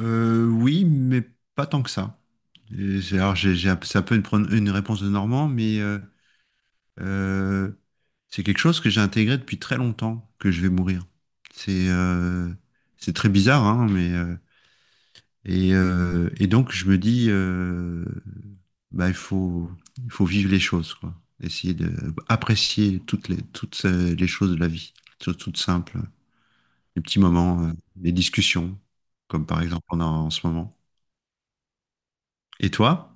Oui, mais pas tant que ça. C'est un peu une réponse de Normand, mais euh, c'est quelque chose que j'ai intégré depuis très longtemps, que je vais mourir. C'est euh, c'est très bizarre, hein, mais et donc je me dis, bah, il faut vivre les choses, quoi. Essayer d'apprécier toutes les choses de la vie, choses toutes simples, les petits moments, les discussions, comme par exemple on a en ce moment. Et toi?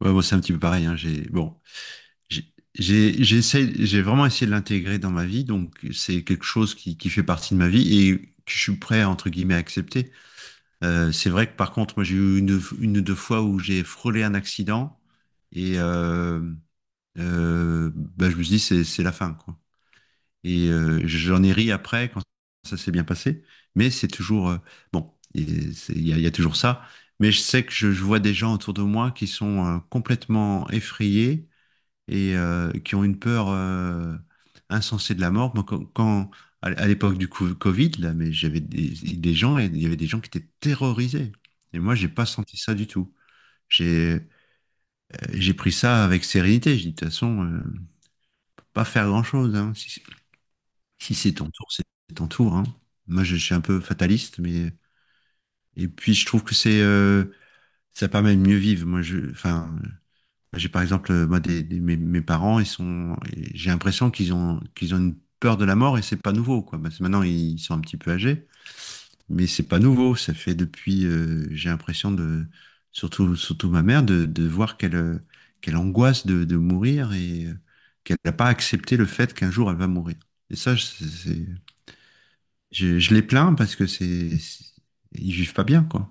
Ouais, bon, c'est un petit peu pareil, hein. J'ai, bon, j'ai vraiment essayé de l'intégrer dans ma vie, donc c'est quelque chose qui fait partie de ma vie et que je suis prêt, entre guillemets, à accepter. C'est vrai que par contre, moi, j'ai eu une ou deux fois où j'ai frôlé un accident et bah, je me suis dit, c'est la fin, quoi. J'en ai ri après quand ça s'est bien passé, mais c'est toujours, bon, il y a toujours ça. Mais je sais que je vois des gens autour de moi qui sont complètement effrayés et qui ont une peur insensée de la mort. Moi, à l'époque du Covid, là, mais j'avais des gens, et il y avait des gens qui étaient terrorisés. Et moi, j'ai pas senti ça du tout. J'ai euh, j'ai pris ça avec sérénité. J'ai dit, de toute façon, on peut pas faire grand-chose, hein. Si, si c'est ton tour, c'est ton tour, hein. Moi, je suis un peu fataliste, mais et puis je trouve que c'est ça permet de mieux vivre. Moi, je, enfin, bah, j'ai par exemple, moi, mes parents, ils sont, et j'ai l'impression qu'ils ont une peur de la mort et c'est pas nouveau, quoi. Parce que maintenant, ils sont un petit peu âgés, mais c'est pas nouveau. Ça fait depuis, j'ai l'impression de, surtout ma mère, de voir qu'elle, qu'elle angoisse de mourir et qu'elle n'a pas accepté le fait qu'un jour elle va mourir. Et ça, je- c'est, Je les plains parce que ils vivent pas bien, quoi.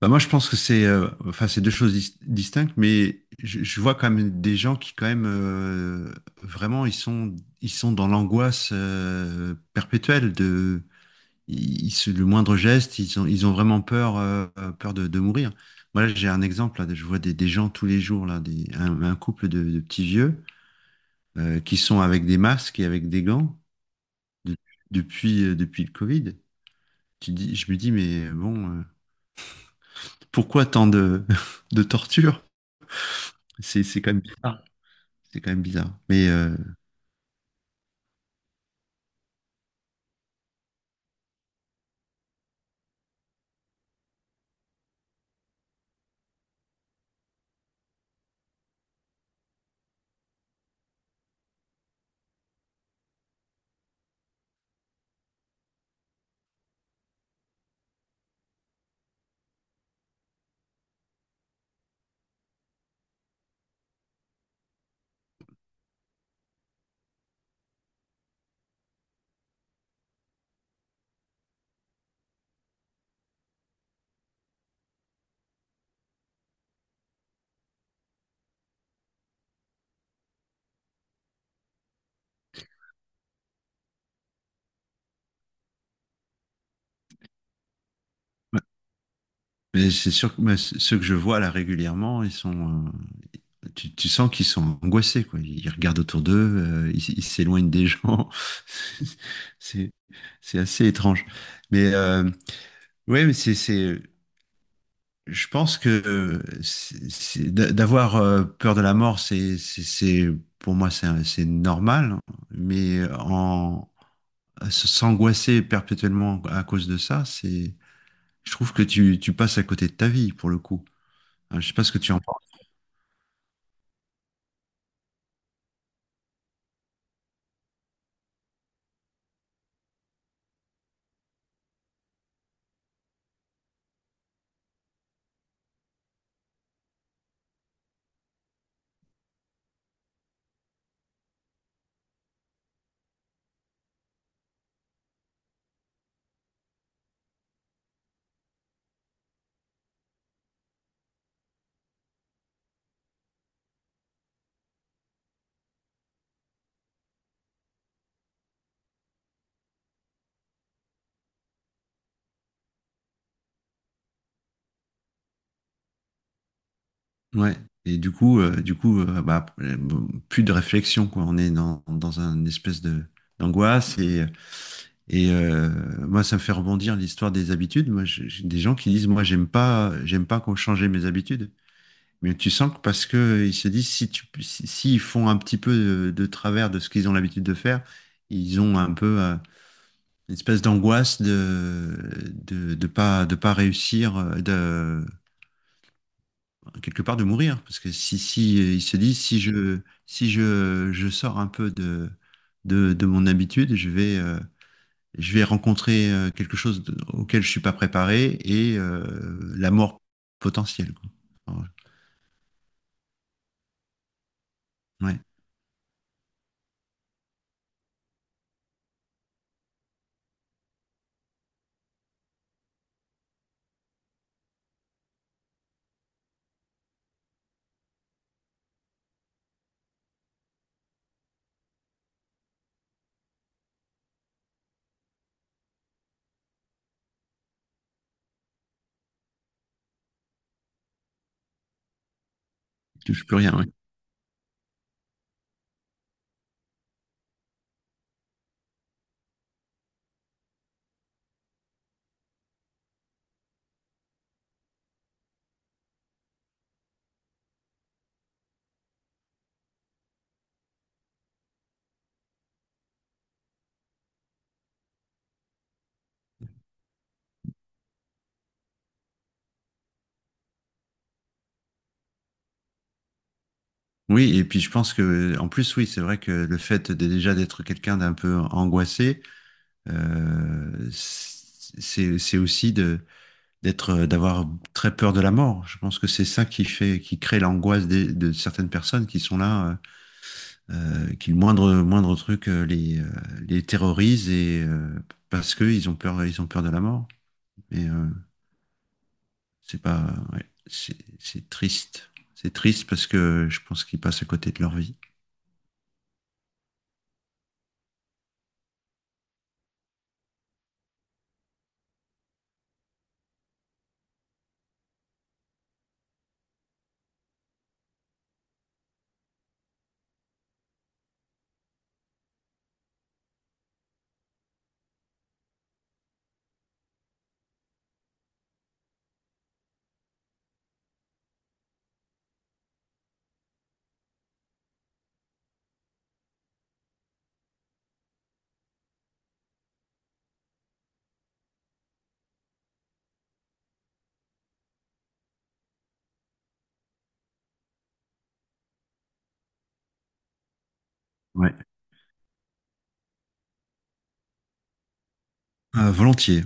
Bah, moi, je pense que c'est enfin, c'est deux choses distinctes, mais je vois quand même des gens qui, quand même, vraiment, ils sont dans l'angoisse perpétuelle de le moindre geste, ils ont vraiment peur, peur de mourir. Moi, là, j'ai un exemple, là, je vois des gens tous les jours, là, un couple de petits vieux qui sont avec des masques et avec des gants de- depuis, depuis le Covid. Je me dis, mais bon, pourquoi tant de, de torture? C'est quand même bizarre. C'est quand même bizarre. Ouais. Mais c'est sûr que moi, ceux que je vois là régulièrement, ils sont. Tu sens qu'ils sont angoissés, quoi. Ils regardent autour d'eux, ils s'éloignent des gens. C'est c'est assez étrange. Mais ouais, mais c'est c'est. Je pense que d'avoir peur de la mort, pour moi c'est c'est normal. Mais en s'angoisser perpétuellement à cause de ça, c'est... Je trouve que tu passes à côté de ta vie pour le coup. Je sais pas ce que tu en penses. Ouais. Et du coup, bah, plus de réflexion, quoi. On est dans une espèce de d'angoisse et moi ça me fait rebondir l'histoire des habitudes. Moi, j'ai des gens qui disent moi j'aime pas qu'on change mes habitudes. Mais tu sens que parce que ils se disent si tu si- s'ils font un petit peu de travers de ce qu'ils ont l'habitude de faire, ils ont un peu une espèce d'angoisse de de pas réussir, de quelque part de mourir, parce que si il se dit si je sors un peu de mon habitude, je vais rencontrer quelque chose auquel je suis pas préparé et la mort potentielle, quoi. Alors, ouais, je touche plus rien. Ouais. Oui, et puis je pense que en plus oui, c'est vrai que le fait déjà d'être quelqu'un d'un peu angoissé, c'est aussi de d'être, d'avoir très peur de la mort. Je pense que c'est ça qui fait, qui crée l'angoisse de certaines personnes qui sont là, qui le moindre, moindre truc les terrorise et parce que ils ont peur de la mort. Mais c'est pas, Ouais, c'est triste. C'est triste parce que je pense qu'ils passent à côté de leur vie. Ouais. Volontiers.